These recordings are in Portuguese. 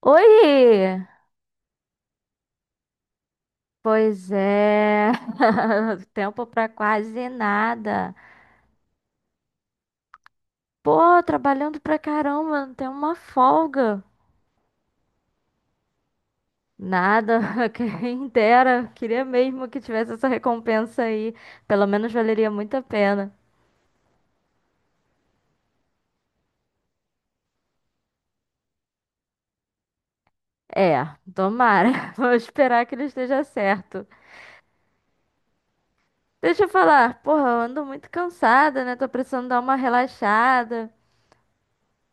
Oi! Pois é, tempo pra quase nada. Pô, trabalhando pra caramba, não tem uma folga. Nada, quem dera. Queria mesmo que tivesse essa recompensa aí. Pelo menos valeria muito a pena. É, tomara. Vou esperar que ele esteja certo. Deixa eu falar, porra, eu ando muito cansada, né? Tô precisando dar uma relaxada.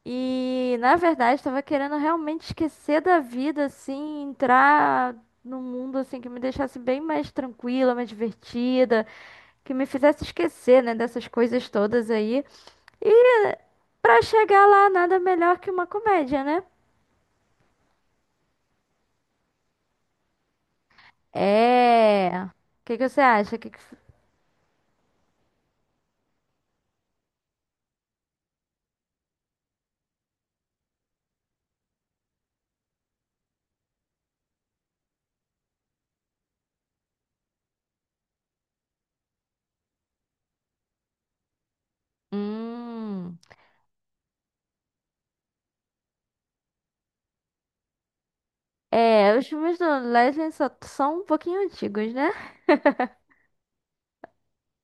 E na verdade estava querendo realmente esquecer da vida, assim, entrar num mundo assim que me deixasse bem mais tranquila, mais divertida, que me fizesse esquecer, né, dessas coisas todas aí. E pra chegar lá, nada melhor que uma comédia, né? É. O que que você acha? Que que... Hum. É, os filmes do Leslie só são um pouquinho antigos, né?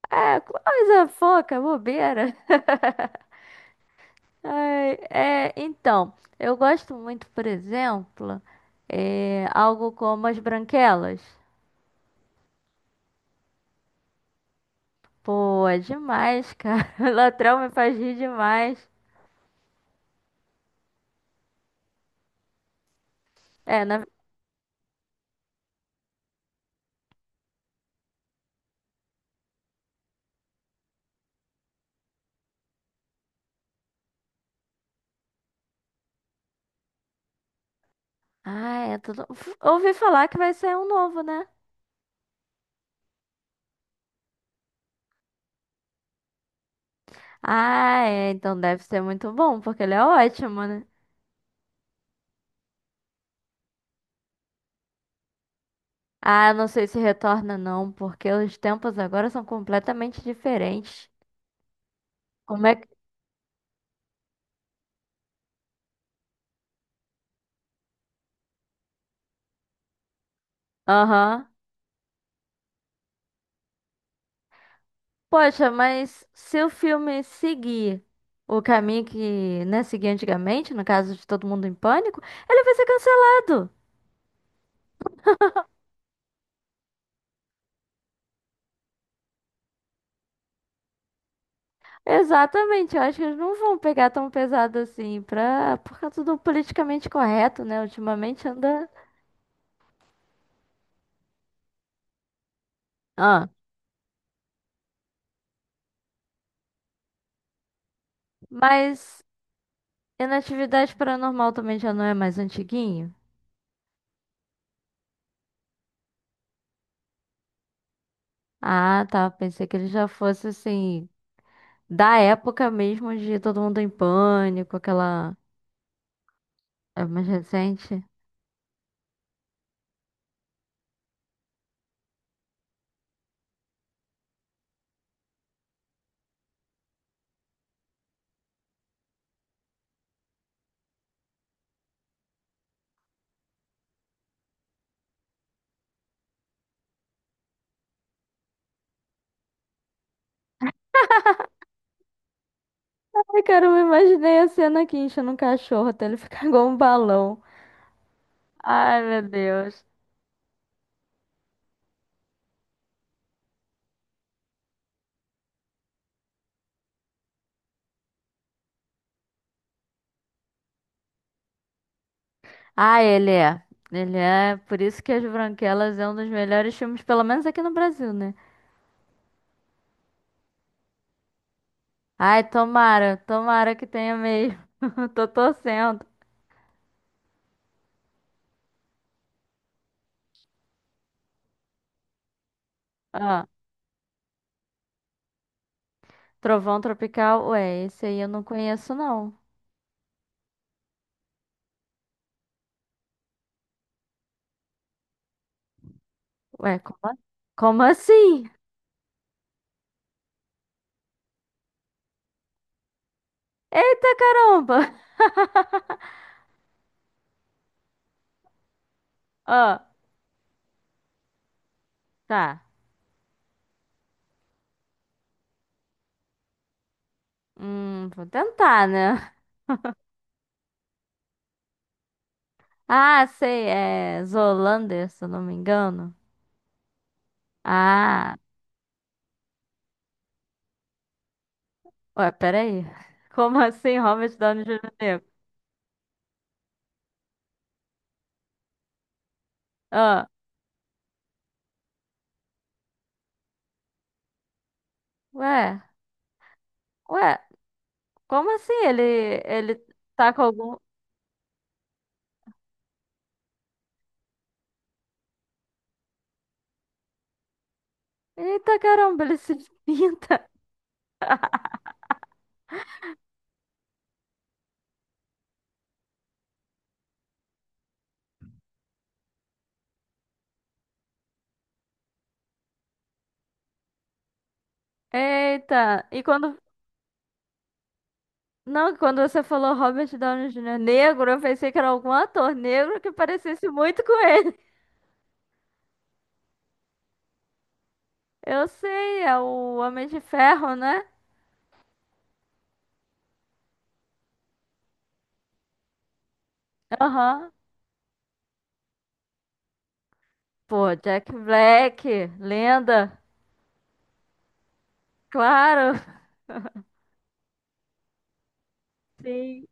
É, coisa foca, bobeira. Ai, é, então, eu gosto muito, por exemplo, é, algo como As Branquelas. Pô, é demais, cara. O Latrão me faz rir demais. É, na... Ah, é tudo... Uf, ouvi falar que vai sair um novo, né? Ah, é, então deve ser muito bom, porque ele é ótimo, né? Ah, eu não sei se retorna não, porque os tempos agora são completamente diferentes. Como é que... Aham. Poxa, mas se o filme seguir o caminho que, né, seguia antigamente, no caso de Todo Mundo em Pânico, ele vai ser cancelado. Exatamente, eu acho que eles não vão pegar tão pesado assim, pra, por causa do politicamente correto, né? Ultimamente anda. Ah. Mas Inatividade Paranormal também já não é mais antiguinho? Ah, tá. Pensei que ele já fosse assim, da época mesmo de Todo Mundo em Pânico, aquela. É mais recente. Ai, cara, eu imaginei a cena aqui enchendo um cachorro até ele ficar igual um balão. Ai, meu Deus. Ah, ele é. Ele é. Por isso que As Branquelas é um dos melhores filmes, pelo menos aqui no Brasil, né? Ai, tomara, tomara que tenha mesmo. Eu tô torcendo. Ah, Trovão Tropical, ué, esse aí eu não conheço, não. Ué, como, como assim? Eita caramba! Ó, tá. Vou tentar, né? Ah, sei, é Zoolander, se eu não me engano. Ah, ué, peraí. Como assim, Robert Downey Jr. negro? Ah, ué, ué, como assim? Ele tá com algum. Eita caramba, ele se pinta. Eita, e quando. Não, quando você falou Robert Downey Jr. negro, eu pensei que era algum ator negro que parecesse muito com ele. Eu sei, é o Homem de Ferro, né? Aham. Pô, Jack Black, lenda. Claro, sim.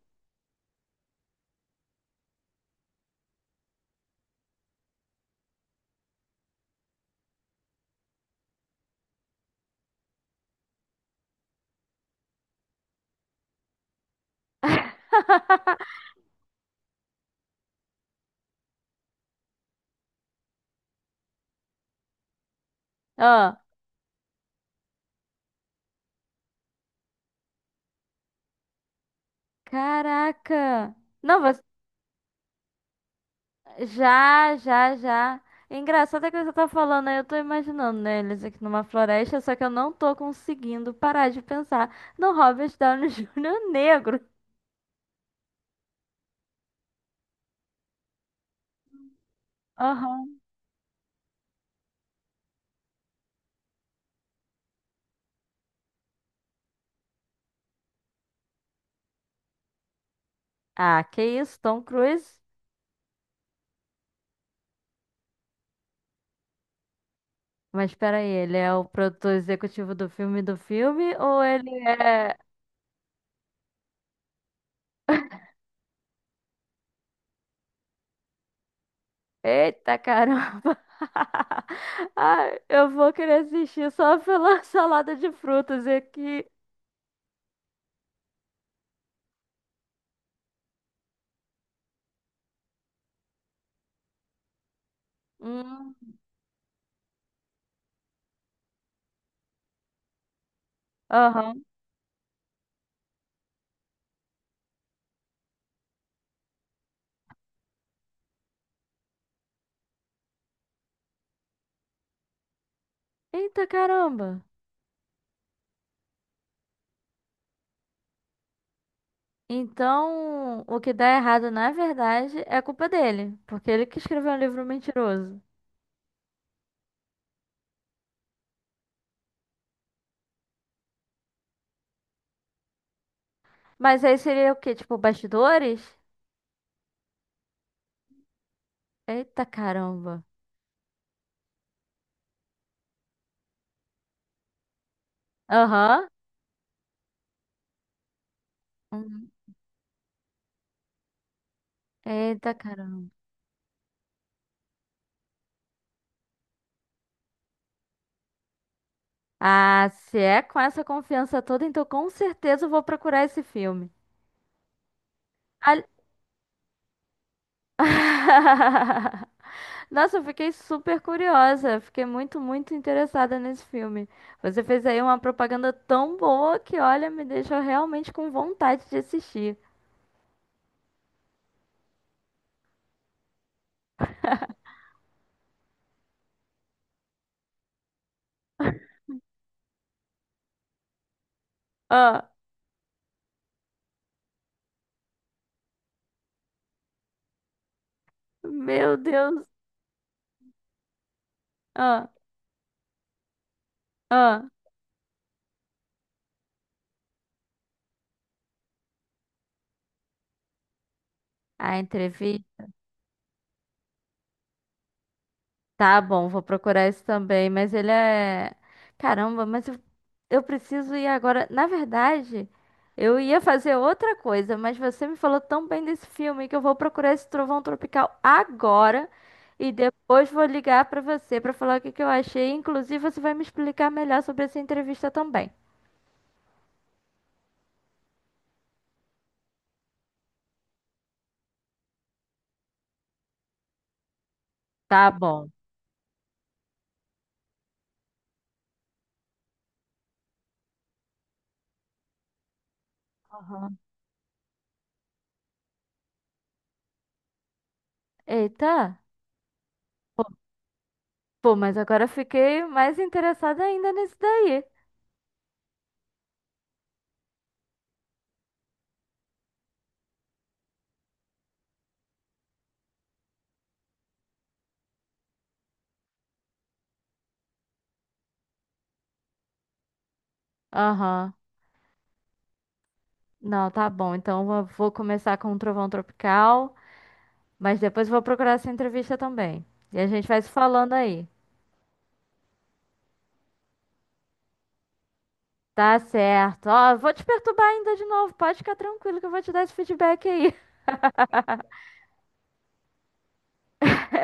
Ah, caraca. Não, já, já, já. É engraçado é que você tá falando aí, eu tô imaginando, né, eles aqui numa floresta, só que eu não tô conseguindo parar de pensar no Robert Downey Júnior negro. Aham. Ah, que isso, Tom Cruise? Mas espera aí, ele é o produtor executivo do filme ou ele é... Eita caramba! Ai, eu vou querer assistir só pela salada de frutas aqui. Hum, aham. Eita caramba! Então, o que dá errado, na verdade, é culpa dele, porque ele que escreveu um livro mentiroso. Mas aí seria o quê? Tipo, bastidores? Eita caramba. Aham. Uhum. Eita caramba. Ah, se é com essa confiança toda, então com certeza eu vou procurar esse filme. Ali- Nossa, eu fiquei super curiosa. Fiquei muito, muito interessada nesse filme. Você fez aí uma propaganda tão boa que, olha, me deixou realmente com vontade de assistir. Ah, meu Deus. Ah, ah. A entrevista. Tá bom, vou procurar isso também. Mas ele é. Caramba, mas eu preciso ir agora. Na verdade, eu ia fazer outra coisa, mas você me falou tão bem desse filme que eu vou procurar esse Trovão Tropical agora. E depois vou ligar pra você pra falar o que que eu achei. Inclusive, você vai me explicar melhor sobre essa entrevista também. Tá bom. Aham. Eita. Pô, mas agora eu fiquei mais interessada ainda nesse daí. Aham. Não, tá bom. Então eu vou começar com o Trovão Tropical, mas depois vou procurar essa entrevista também. E a gente vai se falando aí. Tá certo. Ó, eu vou te perturbar ainda de novo. Pode ficar tranquilo que eu vou te dar esse feedback aí.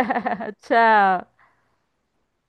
Tchau.